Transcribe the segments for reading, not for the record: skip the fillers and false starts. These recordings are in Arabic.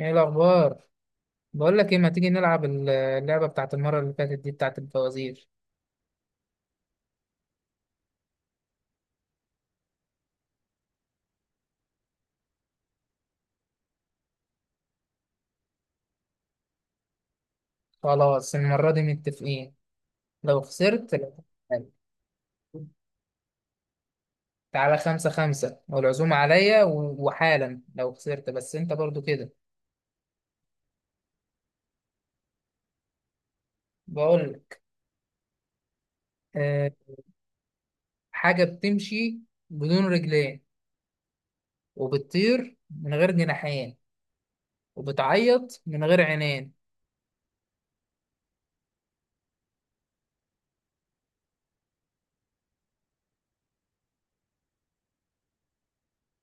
ايه الاخبار؟ بقول لك ايه، ما تيجي نلعب اللعبه بتاعت المره اللي فاتت دي بتاعت الفوازير؟ خلاص، المره دي متفقين. لو خسرت لا تتحايل. تعالى خمسة خمسة، والعزومة عليا وحالا لو خسرت، بس انت برضو كده. بقول لك. أه. حاجة بتمشي بدون رجلين، وبتطير من غير جناحين، وبتعيط من غير عينين.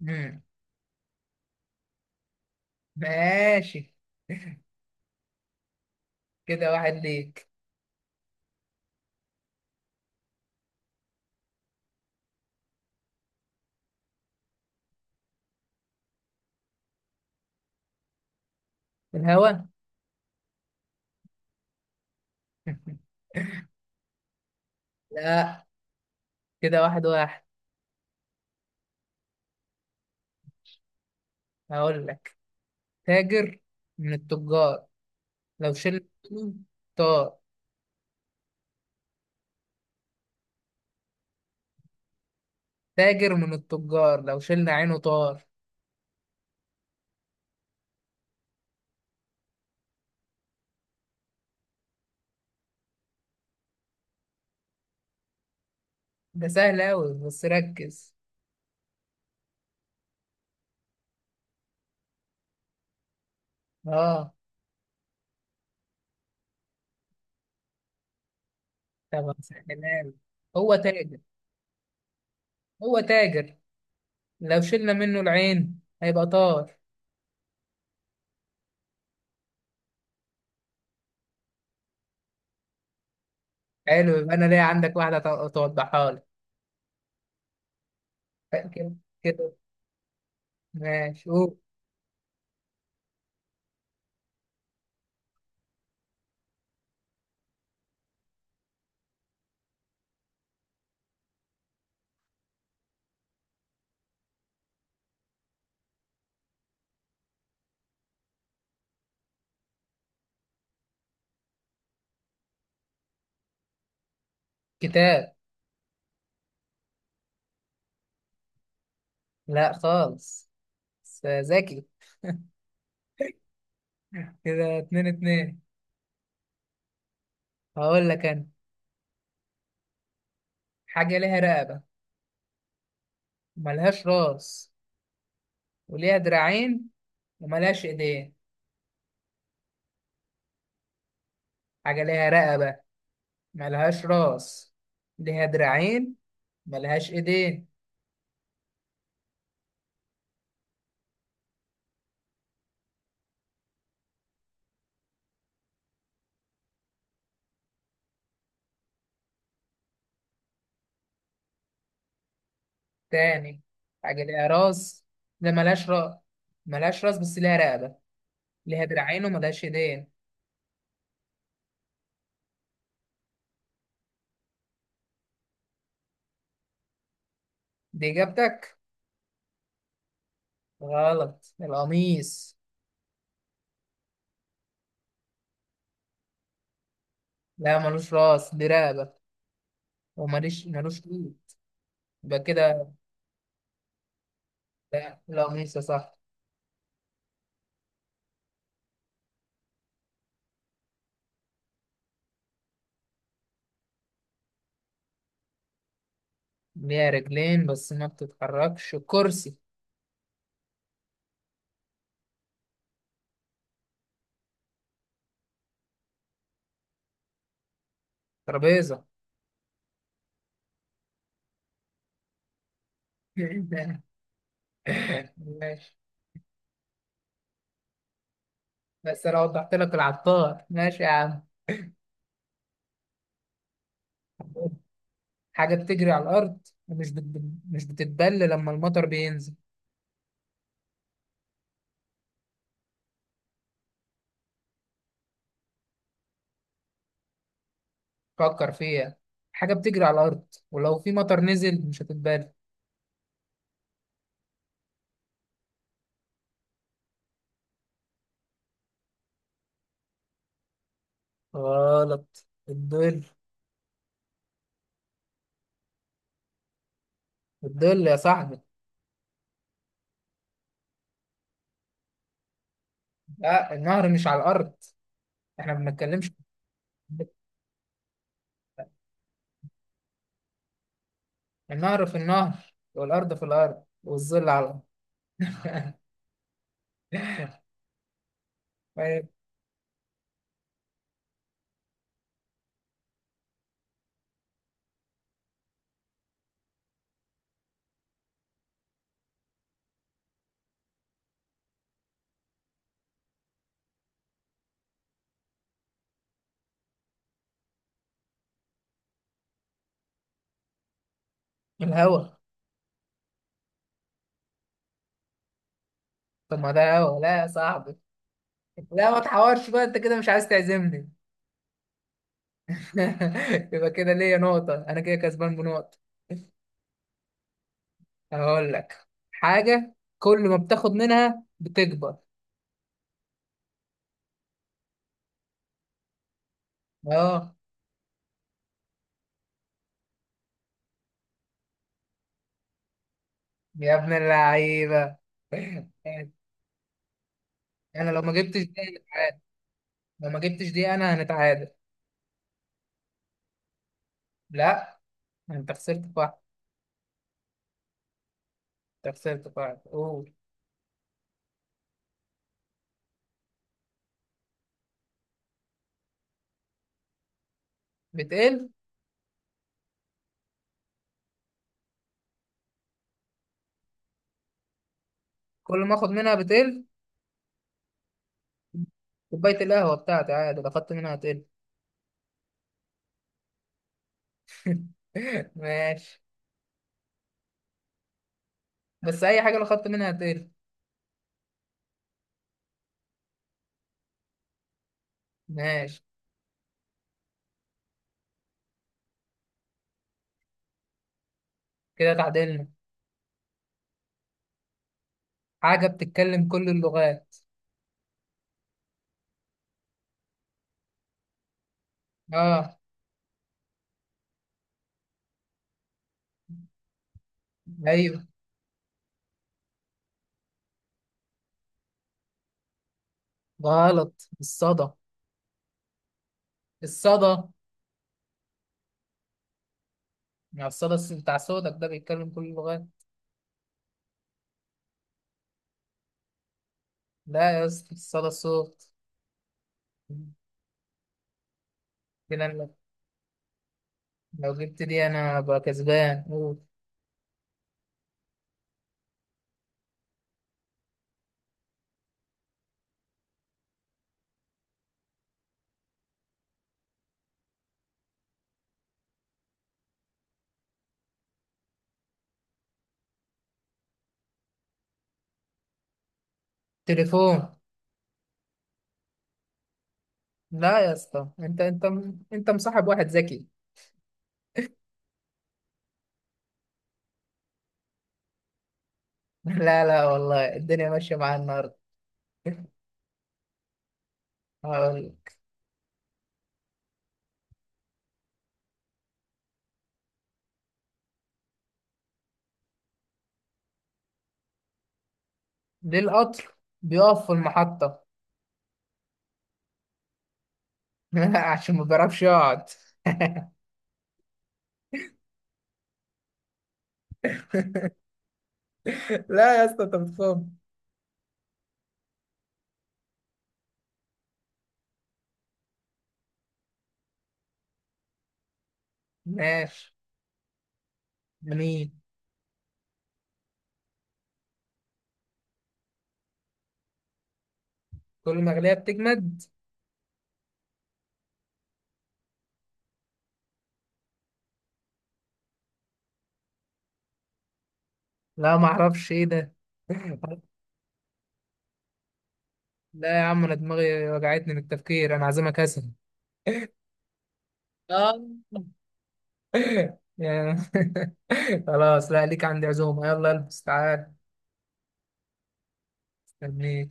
مم. ماشي. كده واحد ليك. الهوا. لا، كده واحد واحد. هقول لك، تاجر من التجار لو شلنا عينه طار. تاجر من التجار لو شلنا عينه طار. ده سهل أوي، بس ركز. اه، طبعا سهلان. هو تاجر، هو تاجر لو شلنا منه العين هيبقى طار. حلو، يبقى أنا ليا عندك واحدة توضحها لي. كده. كده، ماشي قول. كتاب. لا خالص، بس ذكي. كده اتنين اتنين. هقول لك أنا. حاجة ليها رقبة، ملهاش راس، وليها دراعين، وملهاش ايدين. حاجة ليها رقبة، ملهاش راس، ليها دراعين، ملهاش ايدين. تاني، حاجة ليها راس. ده ملهاش راس، ملهاش راس بس ليها رقبة، ليها دراعين وملهاش ايدين. دي اجابتك. غلط، القميص. لا ملوش راس، دي رقبة، وملوش ايد. يبقى كده. لا القميص يا صاحبي. ليها رجلين بس ما بتتحركش، كرسي. ترابيزة. ماشي. بس انا وضحت لك العطار، ماشي يا عم. حاجة بتجري على الأرض، ومش بت... مش بتتبل لما المطر بينزل. فكر فيها. حاجة بتجري على الأرض، ولو في مطر نزل مش هتتبل. غلط، الظل. الظل يا صاحبي. لا النهر مش على الأرض. احنا ما بنتكلمش. النهر في النهر، والأرض في الأرض، والظل على الأرض. طيب. الهوا. طب ما ده هوا. لا يا صاحبي، لا ما تحورش بقى، انت كده مش عايز تعزمني. يبقى كده ليا نقطة، أنا كده كسبان بنقطة. هقول لك، حاجة كل ما بتاخد منها بتكبر. أه. يا ابن اللعيبة. أنا لو ما جبتش دي هنتعادل. لو ما جبتش دي أنا هنتعادل. لا، أنت خسرت في واحد. أنت خسرت في واحد، قول. بتقل. كل ما آخد منها بتقل. كوباية القهوة بتاعتي عادي لو خدت منها هتقل. ماشي. بس أي حاجة لو خدت منها هتقل. ماشي، كده تعادلنا. حاجة بتتكلم كل اللغات. اه. ايوه. غلط، الصدى. الصدى يعني، الصدى بتاع صوتك ده بيتكلم كل اللغات. لا يا اسطى، الصدى الصوت. كده أنا لو جبت دي انا ابقى كسبان، قول. تليفون. لا يا اسطى، انت مصاحب واحد ذكي. لا لا، والله الدنيا ماشيه معايا النهارده. هقول لك، ليه القطر بيقف في المحطه؟ عشان ما بيعرفش يقعد. لا يا اسطى، انت بتفهم. ماشي. مين؟ كل ما غليها بتجمد. لا ما اعرفش ايه ده. لا يا عم، انا دماغي وجعتني من التفكير، انا عازمك كسل. اه. يا- خلاص، لا ليك عندي عزومة، يلا البس تعال. استنيك.